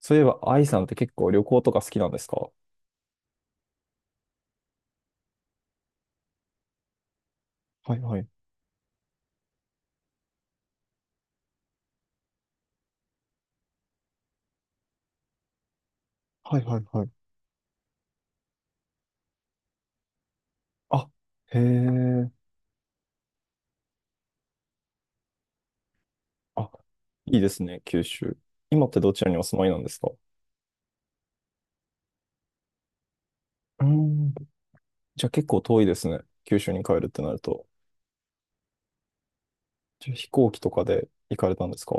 そういえば、愛さんって結構旅行とか好きなんですか？はいはい。はいはいはい。あ、へえ。あ、いいですね、九州。今ってどちらにお住まいなんですか？うーん。じゃあ結構遠いですね。九州に帰るってなると。じゃあ飛行機とかで行かれたんですか？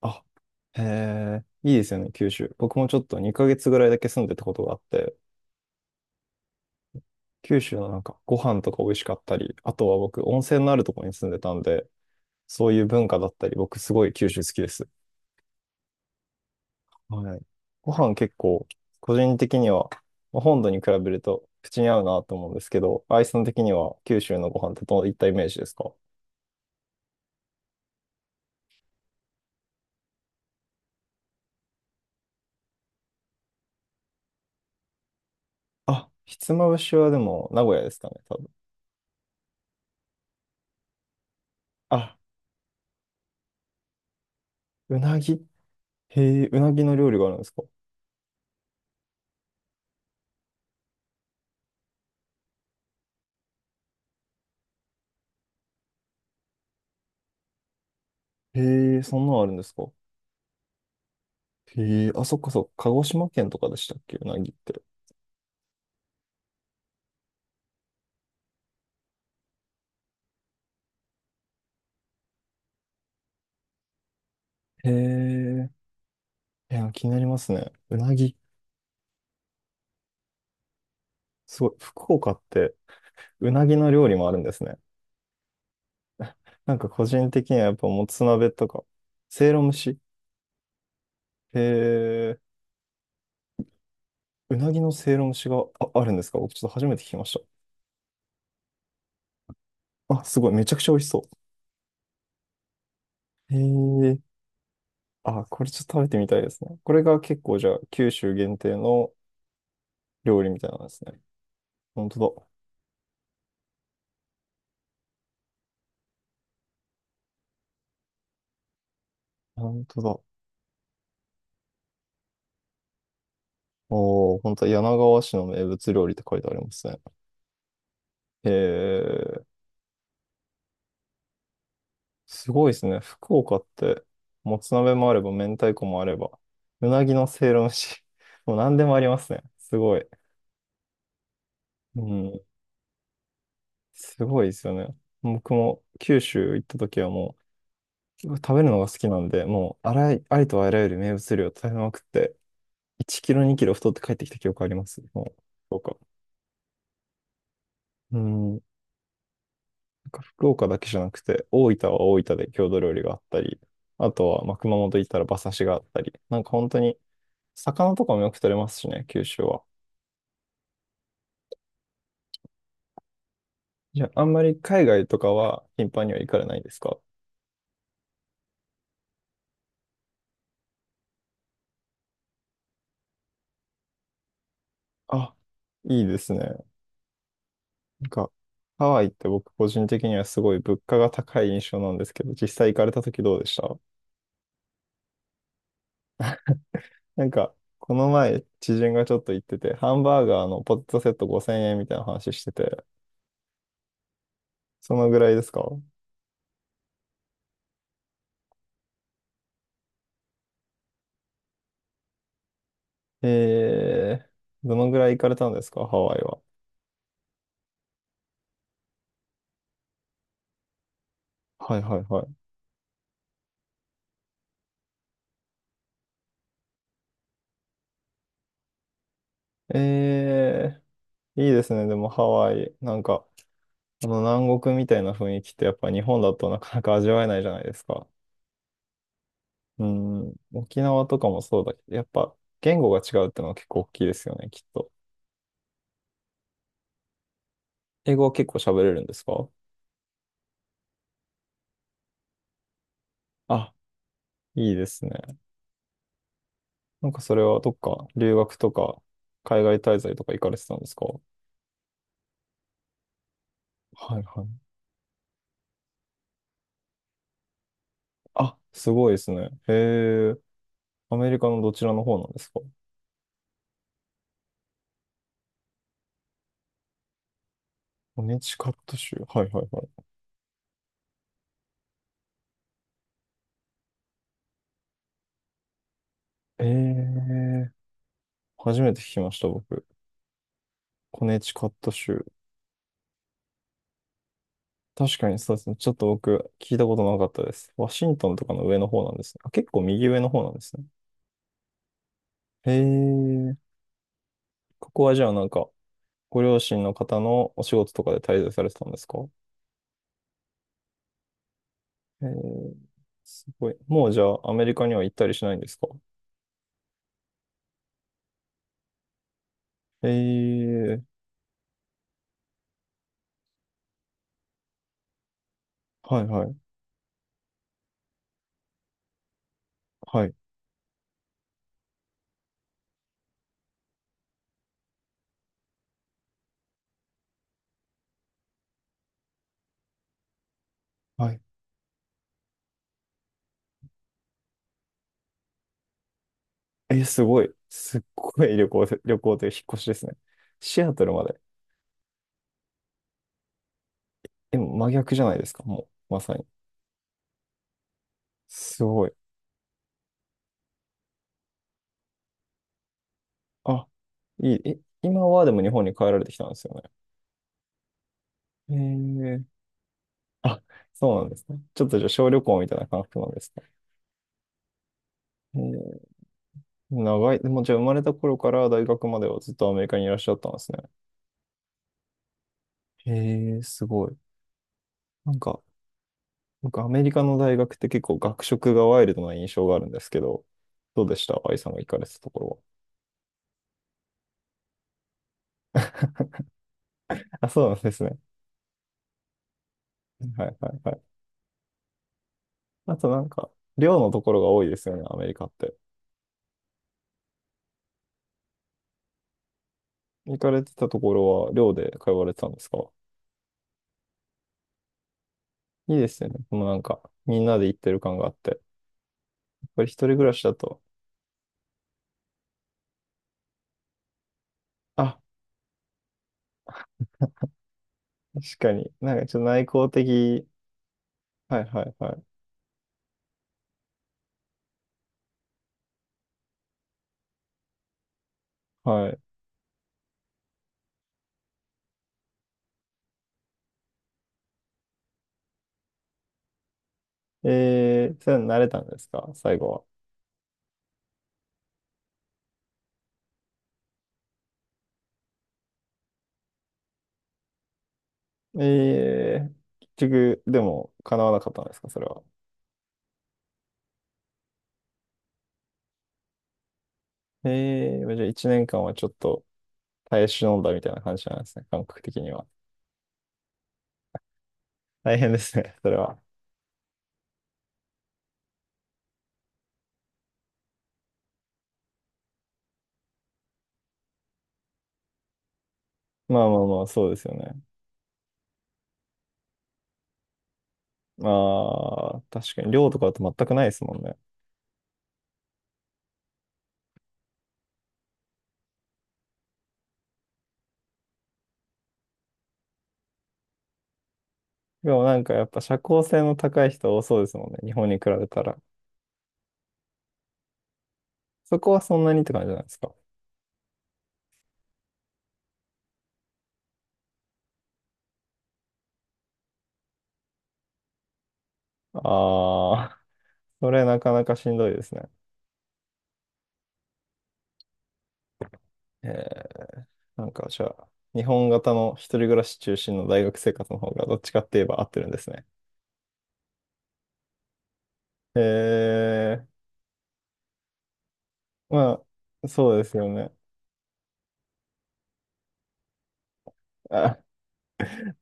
あ、へえ、いいですよね、九州。僕もちょっと2ヶ月ぐらいだけ住んでたことがあって、九州のなんかご飯とか美味しかったり、あとは僕温泉のあるところに住んでたんで、そういう文化だったり、僕すごい九州好きです。はい。ご飯結構、個人的には、まあ本土に比べると口に合うなと思うんですけど、アイさん的には九州のご飯ってどういったイメージですか？あ、ひつまぶしはでも名古屋ですかね、多分。あ、うなぎ、へえ、うなぎの料理があるんですか？へえ、そんなのあるんですか？へえ、あ、そっかそっか、鹿児島県とかでしたっけ、うなぎって。へえ、いや、気になりますね。うなぎ。すごい、福岡ってうなぎの料理もあるんですね。なんか個人的にはやっぱもつ鍋とか、せいろ蒸し、へえ、うなぎのせいろ蒸しがあ、あるんですか？僕ちょっと初めて聞きました。あ、すごい、めちゃくちゃ美味しそう。へえ、あ、これちょっと食べてみたいですね。これが結構じゃあ、九州限定の料理みたいなんですね。本当だ。本当だ。おー、本当だ。柳川市の名物料理って書いてありますね。へえ。すごいですね。福岡って、もつ鍋もあれば、明太子もあれば、うなぎのせいろ蒸し、もう何でもありますね。すごい。うん。すごいですよね。僕も九州行った時はもう、結構食べるのが好きなんで、もう、あらい、ありとあらゆる名物料を食べまくって、1キロ、2キロ太って帰ってきた記憶あります。もう、福岡。うん。なんか福岡だけじゃなくて、大分は大分で郷土料理があったり、あとは、まあ、熊本行ったら馬刺しがあったり、なんか本当に、魚とかもよく取れますしね、九州は。じゃあ、あんまり海外とかは頻繁には行かれないですか？あ、いいですね。なんか、ハワイって僕個人的にはすごい物価が高い印象なんですけど、実際行かれた時どうでした？なんか、この前、知人がちょっと言ってて、ハンバーガーのポテトセット5000円みたいな話してて、そのぐらいですか？えー、どのぐらい行かれたんですかハワイは。はいはいはい。えー、いいですね。でもハワイ、なんか、この南国みたいな雰囲気ってやっぱ日本だとなかなか味わえないじゃないですか。うん、沖縄とかもそうだけど、やっぱ言語が違うってのは結構大きいですよね、きっと。英語は結構喋れるんですか？あ、いいですね。なんかそれはどっか留学とか海外滞在とか行かれてたんですか？はいはい。あ、すごいですね。へえ、アメリカのどちらの方なんですか？コネチカット州。はいはいはい。ええ、初めて聞きました、僕。コネチカット州。確かにそうですね。ちょっと僕、聞いたことなかったです。ワシントンとかの上の方なんですね。あ、結構右上の方なんですね。へえ。ここはじゃあなんか、ご両親の方のお仕事とかで滞在されてたんですか？へえ、すごい。もうじゃあアメリカには行ったりしないんですか？へえ、はいはい、はい、はい。えすごい。すっごい旅行で、旅行という引っ越しですね。シアトルまで。え、真逆じゃないですか、もう、まさに。すごい。あ、いい。え、今はでも日本に帰られてきたんですよね。えー、あ、そうなんですね。ちょっとじゃあ小旅行みたいな感覚なんですね。えー、長い、もうじゃあ生まれた頃から大学まではずっとアメリカにいらっしゃったんですね。へえ、すごい。なんか、僕アメリカの大学って結構学食がワイルドな印象があるんですけど、どうでした愛さんが行かれてたところは。あ、そうなんですね。はいはいはい。あとなんか、寮のところが多いですよね、アメリカって。行かれてたところは寮で通われてたんですか？いいですよね。もうなんか、みんなで行ってる感があって。やっぱり一人暮らしだと、あ、確かに。なんかちょっと内向的。はいはいはい。はい。えー、それは慣れたんですか最後は。えー、結局、でも、叶わなかったんですかそれは。えー、じゃあ1年間はちょっと耐え忍んだみたいな感じなんですね。感覚的には。大変ですね、それは。まあまあまあ、そうですよね。まあ、確かに寮とかだと全くないですもんね。でもなんかやっぱ社交性の高い人多そうですもんね。日本に比べたら。そこはそんなにって感じなんですか？ああ、それなかなかしんどいですね。えー、なんかじゃあ、日本型の一人暮らし中心の大学生活の方がどっちかって言えば合ってるんですね。えー、まあ、そうですよね。あ、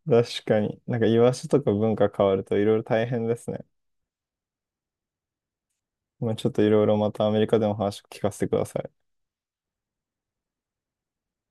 確かに。なんか居場所とか文化変わるといろいろ大変ですね。まあ、ちょっといろいろまたアメリカでも話聞かせてください。